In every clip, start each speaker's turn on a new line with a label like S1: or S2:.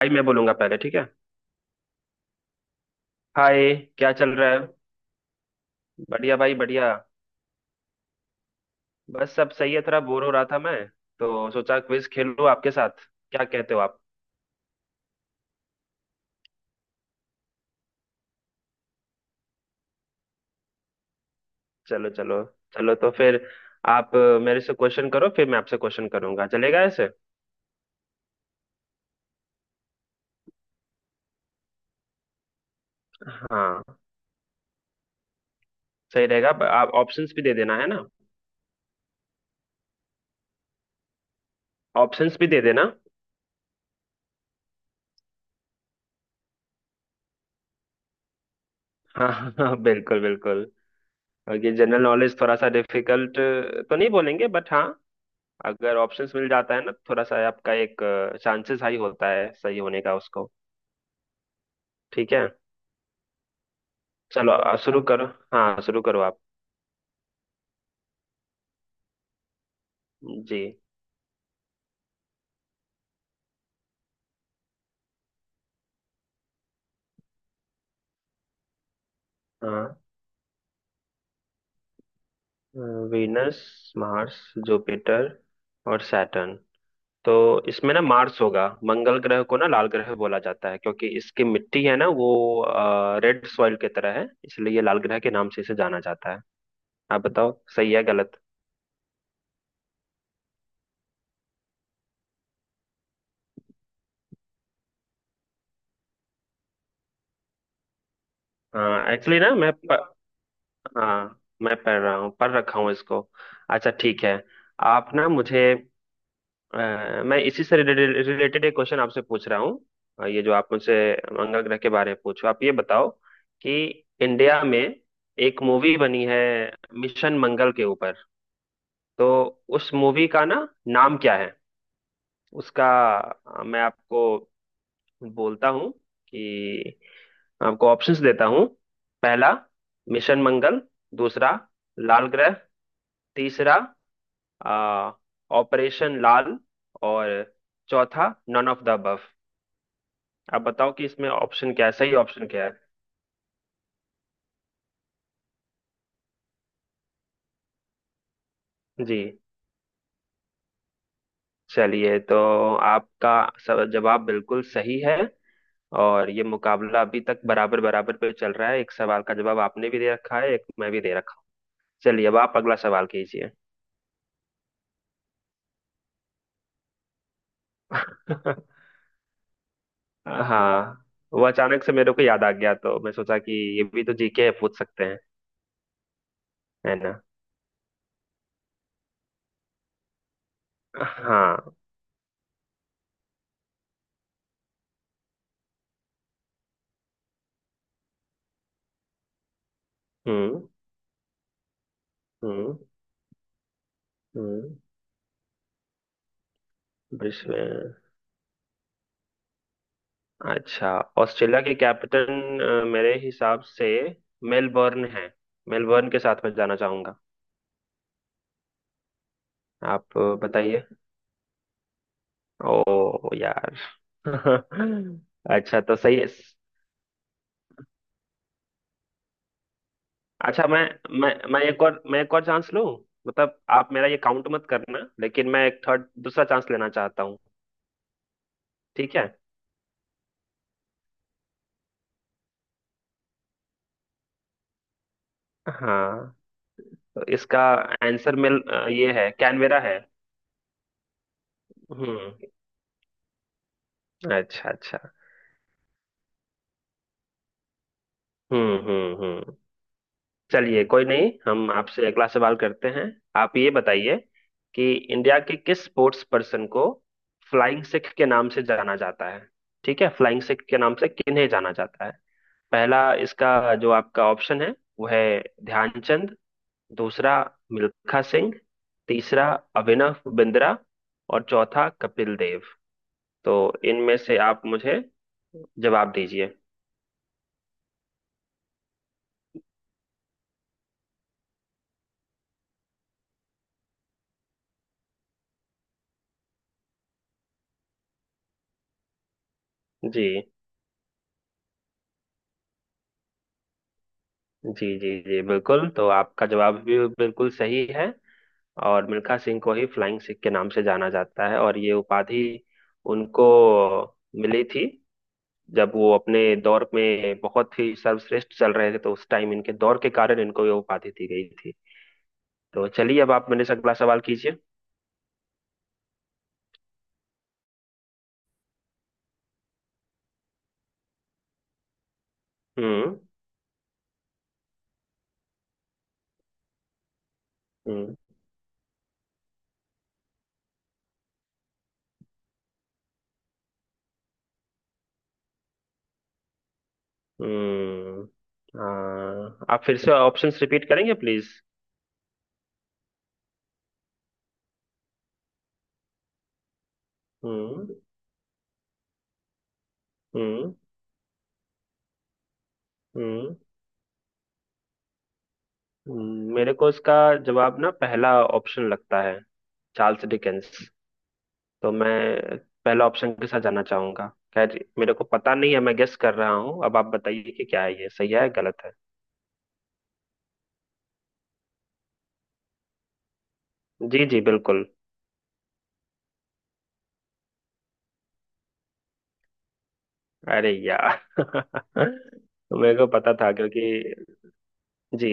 S1: भाई मैं बोलूंगा पहले, ठीक है। हाय, क्या चल रहा है। बढ़िया भाई, बढ़िया। बस सब सही है, थोड़ा बोर हो रहा था मैं, तो सोचा क्विज खेल लूं आपके साथ। क्या कहते हो आप। चलो चलो। चलो तो फिर। आप अ, मेरे से क्वेश्चन करो, फिर मैं आपसे क्वेश्चन करूंगा। चलेगा ऐसे। हाँ, सही रहेगा। आप ऑप्शंस भी दे देना, है ना। ऑप्शंस भी दे देना। हाँ हाँ हाँ, बिल्कुल बिल्कुल। और ये जनरल नॉलेज थोड़ा सा डिफिकल्ट तो नहीं बोलेंगे, बट हाँ, अगर ऑप्शंस मिल जाता है ना थोड़ा सा, आपका एक चांसेस हाई होता है सही होने का उसको। ठीक है। चलो तो शुरू बताओ करो। हाँ, शुरू करो आप। जी। हाँ। वीनस, मार्स, जुपिटर और सैटर्न। तो इसमें ना मार्स होगा। मंगल ग्रह को ना लाल ग्रह बोला जाता है क्योंकि इसकी मिट्टी है ना वो रेड सॉइल की तरह है, इसलिए ये लाल ग्रह के नाम से इसे जाना जाता है। आप बताओ सही है गलत। हाँ एक्चुअली ना मैं प, हाँ, मैं पढ़ रहा हूँ, पढ़ रखा हूँ इसको। अच्छा ठीक है। आप ना मुझे, अ, मैं इसी से रिलेटेड रिलेटेड एक क्वेश्चन आपसे पूछ रहा हूँ। ये जो आप मुझसे मंगल ग्रह के बारे में पूछो, आप ये बताओ कि इंडिया में एक मूवी बनी है मिशन मंगल के ऊपर। तो उस मूवी का ना नाम क्या है उसका। मैं आपको बोलता हूँ कि आपको ऑप्शंस देता हूँ। पहला मिशन मंगल, दूसरा लाल ग्रह, तीसरा अ, ऑपरेशन लाल, और चौथा नन ऑफ द अबव। आप बताओ कि इसमें ऑप्शन क्या है, सही ऑप्शन क्या है। जी। चलिए तो आपका सब जवाब बिल्कुल सही है। और ये मुकाबला अभी तक बराबर बराबर पे चल रहा है, एक सवाल का जवाब आपने भी दे रखा है, एक मैं भी दे रखा हूँ। चलिए, अब आप अगला सवाल कीजिए। हाँ, वो अचानक से मेरे को याद आ गया, तो मैं सोचा कि ये भी तो जीके है, पूछ सकते हैं, है ना। हाँ। हम्म हम्म हम्म। विश्व। अच्छा, ऑस्ट्रेलिया की कैपिटल मेरे हिसाब से मेलबर्न है। मेलबर्न के साथ मैं जाना चाहूंगा। आप बताइए। ओ यार। अच्छा, तो सही है। अच्छा, मैं एक और चांस लूं। मतलब आप मेरा ये काउंट मत करना, लेकिन मैं एक थर्ड दूसरा चांस लेना चाहता हूँ। ठीक है। हाँ, तो इसका आंसर ये है, कैनवेरा है। हम्म, अच्छा अच्छा। हम्म। चलिए, कोई नहीं, हम आपसे अगला सवाल करते हैं। आप ये बताइए कि इंडिया के किस स्पोर्ट्स पर्सन को फ्लाइंग सिख के नाम से जाना जाता है। ठीक है, फ्लाइंग सिख के नाम से किन्हें जाना जाता है। पहला, इसका जो आपका ऑप्शन है वो है ध्यानचंद, दूसरा मिल्खा सिंह, तीसरा अभिनव बिंद्रा, और चौथा कपिल देव। तो इनमें से आप मुझे जवाब दीजिए। जी। जी जी जी बिल्कुल, तो आपका जवाब भी बिल्कुल सही है। और मिल्खा सिंह को ही फ्लाइंग सिख के नाम से जाना जाता है, और ये उपाधि उनको मिली थी जब वो अपने दौर में बहुत ही सर्वश्रेष्ठ चल रहे थे, तो उस टाइम इनके दौर के कारण इनको ये उपाधि दी गई थी। तो चलिए, अब आप मेरे से अगला सवाल कीजिए। हम्म हम्म हम्म। हाँ, आप फिर से ऑप्शंस रिपीट करेंगे प्लीज। हम्म हम्म हम्म। मेरे को इसका जवाब ना पहला ऑप्शन लगता है, चार्ल्स डिकेंस। तो मैं पहला ऑप्शन के साथ जाना चाहूंगा। खैर, मेरे को पता नहीं है, मैं गेस कर रहा हूँ। अब आप बताइए कि क्या है, ये सही है गलत है। जी जी बिल्कुल। अरे यार। मेरे को पता था क्योंकि। जी।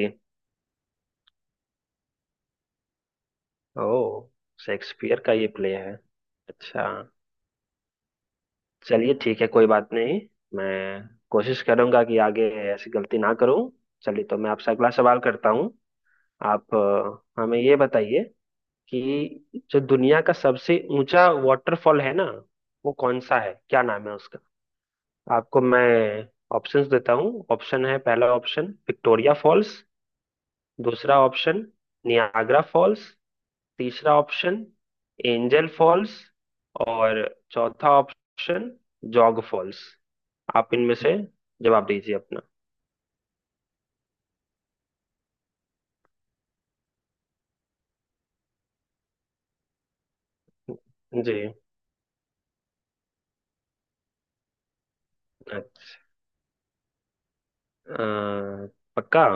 S1: ओ, शेक्सपियर का ये प्ले है। अच्छा। चलिए ठीक है, कोई बात नहीं। मैं कोशिश करूंगा कि आगे ऐसी गलती ना करूं। चलिए तो मैं आपसे अगला सवाल करता हूं। आप हमें ये बताइए कि जो दुनिया का सबसे ऊंचा वाटरफॉल है ना, वो कौन सा है, क्या नाम है उसका। आपको मैं ऑप्शंस देता हूँ। ऑप्शन है, पहला ऑप्शन विक्टोरिया फॉल्स, दूसरा ऑप्शन नियाग्रा फॉल्स, तीसरा ऑप्शन एंजल फॉल्स, और चौथा ऑप्शन जॉग फॉल्स। आप इनमें से जवाब दीजिए अपना। जी। अ- अ, पक्का।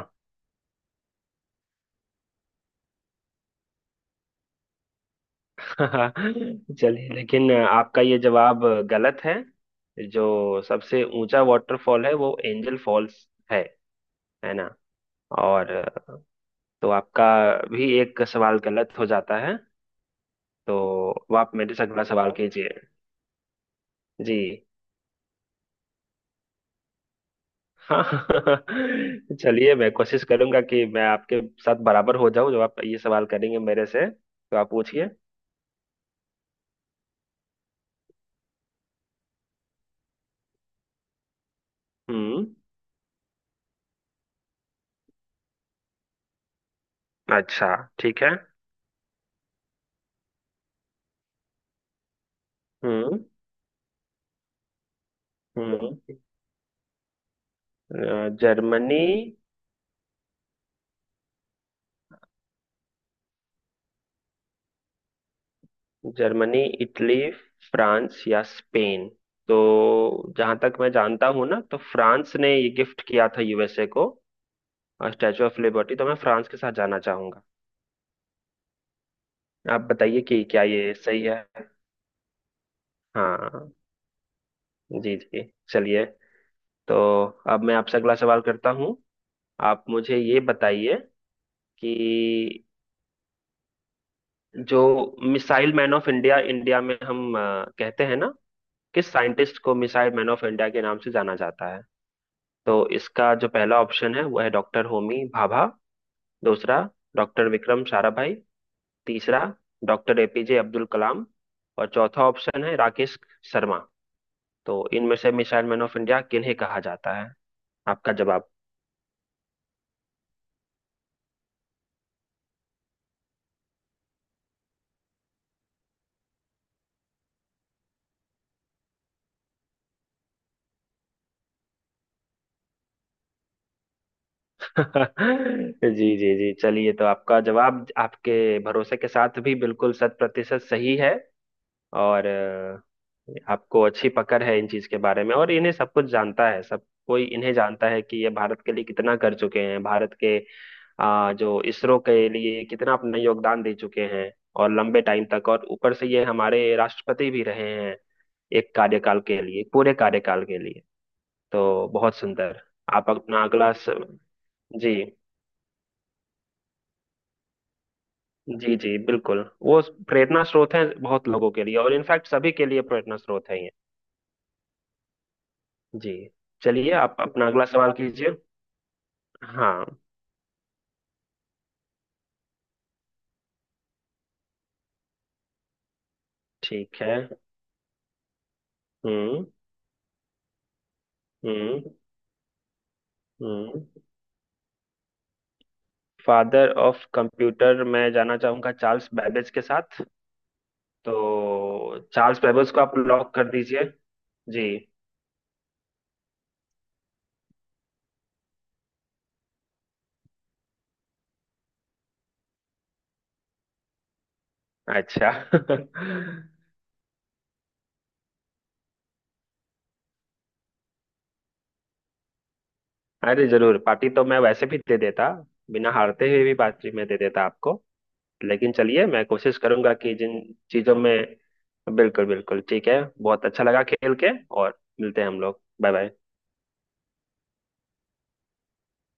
S1: हाँ, चलिए, लेकिन आपका ये जवाब गलत है। जो सबसे ऊंचा वाटरफॉल है वो एंजल फॉल्स है है ना। और तो आपका भी एक सवाल गलत हो जाता है। तो अब आप मेरे से अगला सवाल कीजिए। जी। हाँ। चलिए, मैं कोशिश करूंगा कि मैं आपके साथ बराबर हो जाऊं। जब आप ये सवाल करेंगे मेरे से, तो आप पूछिए। हम्म। अच्छा ठीक है। हम्म हम्म। जर्मनी। जर्मनी, इटली, फ्रांस या स्पेन। तो जहां तक मैं जानता हूं ना, तो फ्रांस ने ये गिफ्ट किया था यूएसए को, स्टैचू ऑफ लिबर्टी। तो मैं फ्रांस के साथ जाना चाहूंगा। आप बताइए कि क्या ये सही है। हाँ। जी जी। चलिए, तो अब मैं आपसे अगला सवाल करता हूँ। आप मुझे ये बताइए कि जो मिसाइल मैन ऑफ इंडिया, में हम कहते हैं ना, किस साइंटिस्ट को मिसाइल मैन ऑफ इंडिया के नाम से जाना जाता है। तो इसका जो पहला ऑप्शन है वो है डॉक्टर होमी भाभा, दूसरा डॉक्टर विक्रम साराभाई, तीसरा डॉक्टर एपीजे अब्दुल कलाम, और चौथा ऑप्शन है राकेश शर्मा। तो इनमें से मिसाइल मैन ऑफ इंडिया किन्हें कहा जाता है, आपका जवाब। जी जी जी, चलिए तो आपका जवाब आपके भरोसे के साथ भी बिल्कुल शत प्रतिशत सही है। और आपको अच्छी पकड़ है इन चीज के बारे में, और इन्हें सब कुछ जानता है, सब कोई इन्हें जानता है कि ये भारत के लिए कितना कर चुके हैं। भारत के जो इसरो के लिए कितना अपना योगदान दे चुके हैं, और लंबे टाइम तक। और ऊपर से ये हमारे राष्ट्रपति भी रहे हैं, एक कार्यकाल के लिए, पूरे कार्यकाल के लिए। तो बहुत सुंदर। आप अपना अगला स... जी। जी जी बिल्कुल, वो प्रेरणा स्रोत है बहुत लोगों के लिए, और इनफैक्ट सभी के लिए प्रेरणा स्रोत है ये। जी। चलिए, आप अपना अगला सवाल कीजिए। हाँ। ठीक है। हम्म हम्म हम्म। फादर ऑफ कंप्यूटर मैं जाना चाहूंगा चार्ल्स बैबेज के साथ। तो चार्ल्स बैबेज को आप लॉक कर दीजिए। जी। अच्छा। अरे जरूर, पार्टी तो मैं वैसे भी दे देता। बिना हारते हुए भी पार्टी मैं दे देता आपको। लेकिन चलिए, मैं कोशिश करूंगा कि जिन चीजों में, बिल्कुल बिल्कुल ठीक है, बहुत अच्छा लगा खेल के। और मिलते हैं हम लोग, बाय बाय।